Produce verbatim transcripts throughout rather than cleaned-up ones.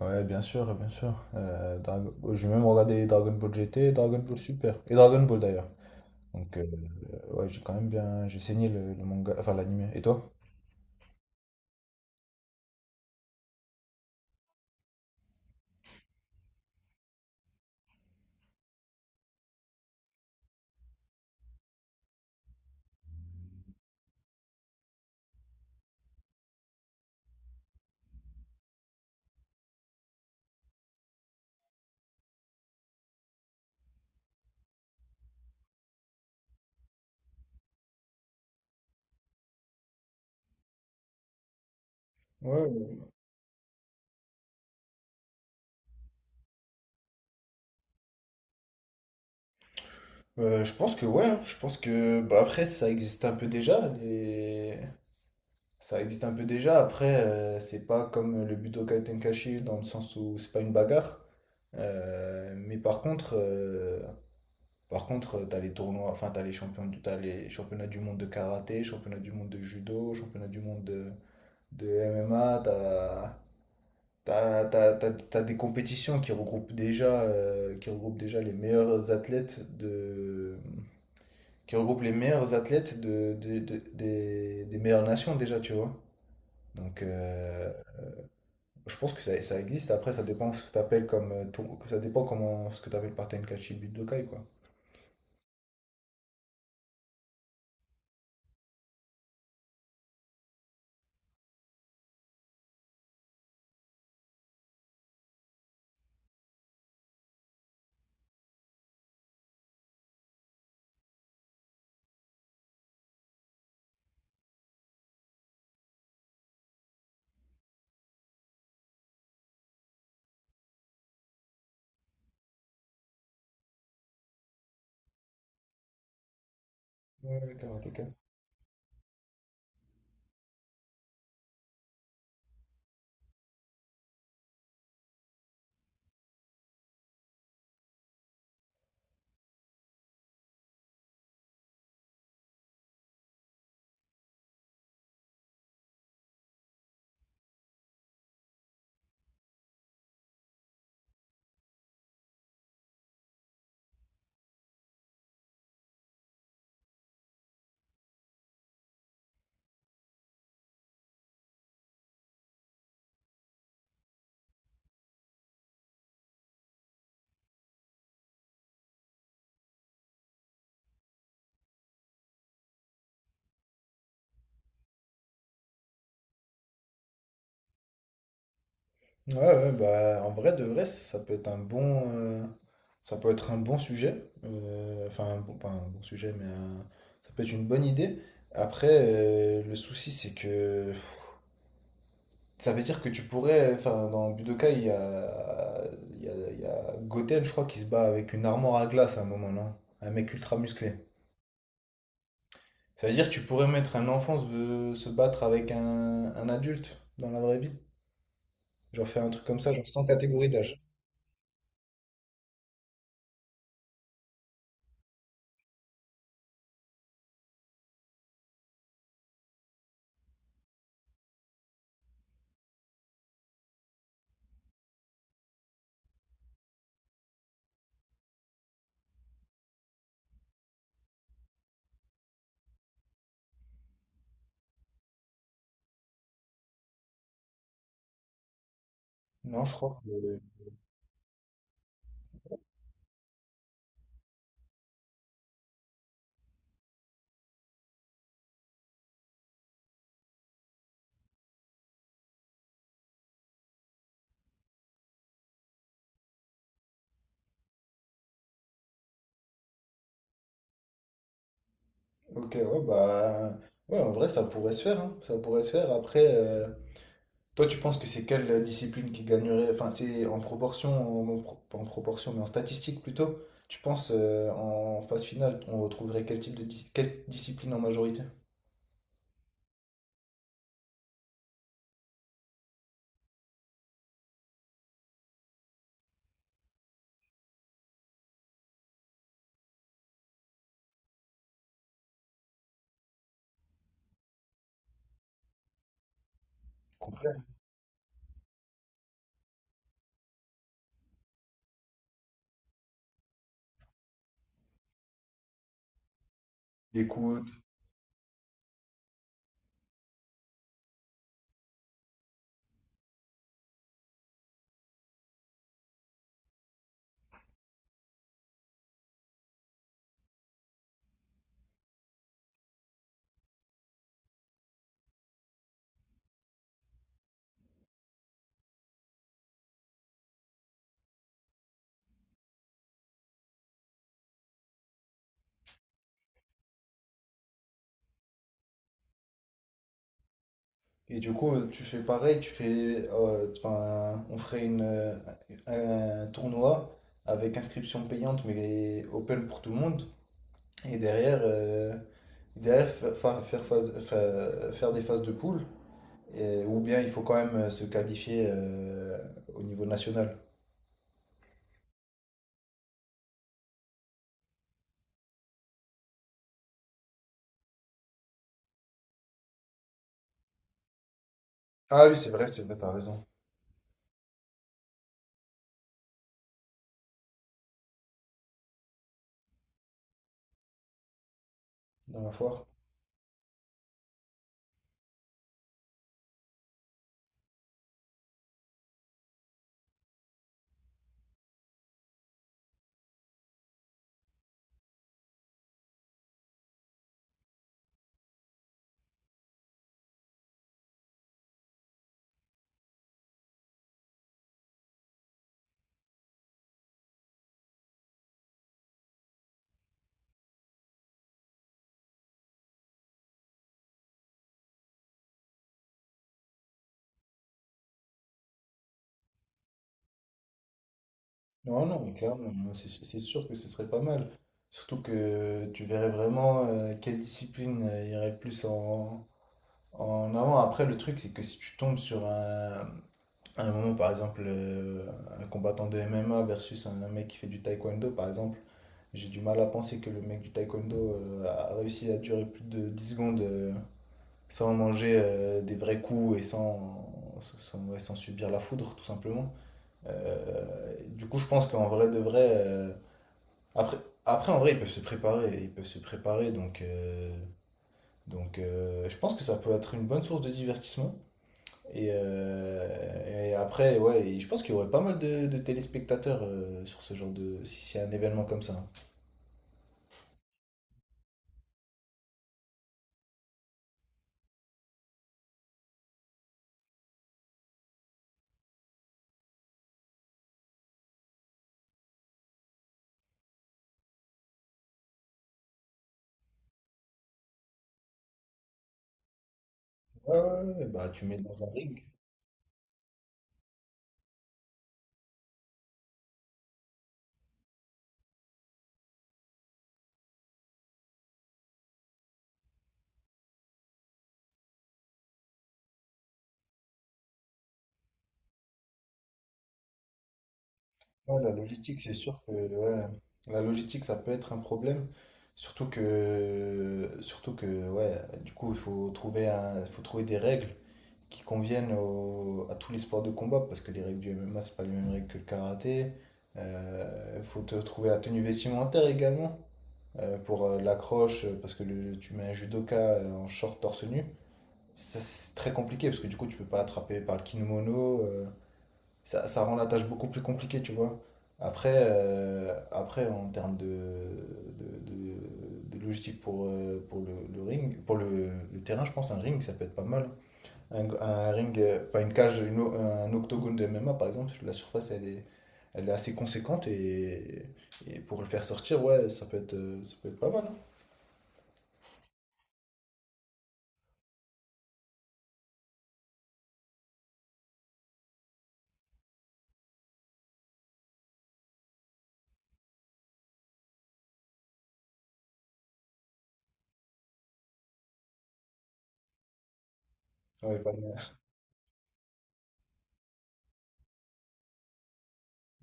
Ouais, bien sûr, bien sûr. Euh, Dragon- J'ai même regardé Dragon Ball G T, Dragon Ball Super et Dragon Ball d'ailleurs. Donc, euh, ouais, j'ai quand même bien. J'ai saigné le, le manga, enfin l'anime. Et toi? Ouais, ouais. Euh, je pense que ouais, hein. Je pense que bah, après ça existe un peu déjà les... Ça existe un peu déjà après euh, c'est pas comme le Budokai Tenkaichi dans le sens où c'est pas une bagarre. Euh, mais par contre, euh, Par contre, euh, t'as les tournois, enfin, t'as les champions, du- t'as les championnats du monde de karaté, championnats du monde de judo, championnats du monde de, de M M A, t'as, t'as, t'as- t'as- t'as des compétitions qui regroupent déjà, euh, qui regroupent déjà les meilleurs athlètes de, qui regroupent les meilleurs athlètes de, de- de- des, des meilleures nations déjà, tu vois. Donc, euh, je pense que ça, ça existe. Après, ça dépend ce que t'appelles comme, euh, tour- ça dépend comment, ce que t'appelles par Tenkaichi Budokai, quoi. Ouais, ouais, karatéka. Ouais, ouais, bah, en vrai, de vrai, ça peut être un bon, euh, ça peut être un bon sujet. Euh, enfin, un bon- pas un bon sujet, mais un- ça peut être une bonne idée. Après, euh, le souci, c'est que pff, ça veut dire que tu pourrais, enfin, dans Budokai, il y a, il y a, il y a Goten, je crois, qui se bat avec une armoire à glace à un moment, non? Un mec ultra musclé. Ça veut dire que tu pourrais mettre un enfant se, se battre avec un, un adulte dans la vraie vie. Genre faire un truc comme ça, genre sans catégorie d'âge. Non, je crois. Ok, ouais, bah. Ouais, en vrai, ça pourrait se faire, hein. Ça pourrait se faire. Après, euh, toi, tu penses que c'est quelle discipline qui gagnerait? Enfin, c'est en proportion, en, en pro- pas en proportion, mais en statistique plutôt. Tu penses euh, en phase finale, on retrouverait quel type de dis- quelle discipline en majorité? Complet. Écoute. Et du coup, tu fais pareil, tu fais. Euh, Enfin, on ferait une, euh, un tournoi avec inscription payante, mais open pour tout le monde. Et derrière. euh, Derrière, fa- fa- faire, phase- fa- faire des phases de poule, et- ou bien il faut quand même euh, se qualifier euh, au niveau national. Ah oui, c'est vrai, c'est vrai, t'as raison. Dans la foire. Non, non, mais clairement, non, c'est c'est sûr que ce serait pas mal. Surtout que tu verrais vraiment euh, quelle discipline euh, irait le plus en, en avant. Après, le truc, c'est que si tu tombes sur un, un moment, par exemple, euh, un combattant de M M A versus un mec qui fait du taekwondo, par exemple. J'ai du mal à penser que le mec du taekwondo euh, a réussi à durer plus de dix secondes euh, sans manger euh, des vrais coups et sans, sans, ouais, sans subir la foudre, tout simplement. Euh, du coup, je pense qu'en vrai de vrai. Euh, après, après, en vrai, ils peuvent se préparer. Ils peuvent se préparer, donc. euh, donc, euh, je pense que ça peut être une bonne source de divertissement. Et, euh, et après, ouais, et je pense qu'il y aurait pas mal de, de téléspectateurs euh, sur ce genre de. Si c'est un événement comme ça. Ouais, ouais, ouais, bah tu mets dans un ring. Ouais, la logistique, c'est sûr que ouais, la logistique, ça peut être un problème. Surtout que, surtout que ouais, du coup, il faut trouver un, il faut trouver des règles qui conviennent au- à tous les sports de combat. Parce que les règles du M M A, c'est pas les mêmes règles que le karaté. Il faut te trouver la tenue vestimentaire également euh, pour euh, l'accroche. euh, Parce que le- tu mets un judoka euh, en short torse nu. Ça, c'est très compliqué parce que du coup, tu peux pas attraper par le kimono. euh, ça, ça rend la tâche beaucoup plus compliquée, tu vois. Après, euh, après en termes de, de, de- de logistique pour, euh, pour le, le ring, pour le, le terrain, je pense un ring, ça peut être pas mal. Un, un ring, euh, enfin une cage, une o- un octogone de M M A par exemple, la surface elle est, elle est assez conséquente et, et pour le faire sortir, ouais, ça peut être, euh, ça peut être pas mal. Hein. Ouais, pas mal.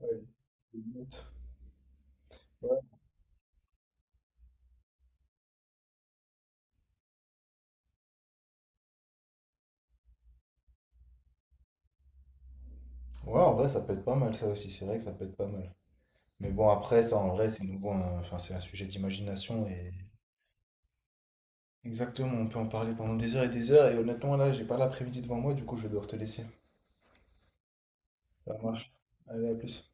Ouais. Ouais, en vrai, ça peut être pas mal, ça aussi. C'est vrai que ça peut être pas mal. Mais bon, après, ça en vrai, c'est nouveau, un- enfin, c'est un sujet d'imagination et exactement, on peut en parler pendant des heures et des heures. Et honnêtement, là, j'ai pas l'après-midi devant moi, du coup, je vais devoir te laisser. Ça marche. Allez, à plus.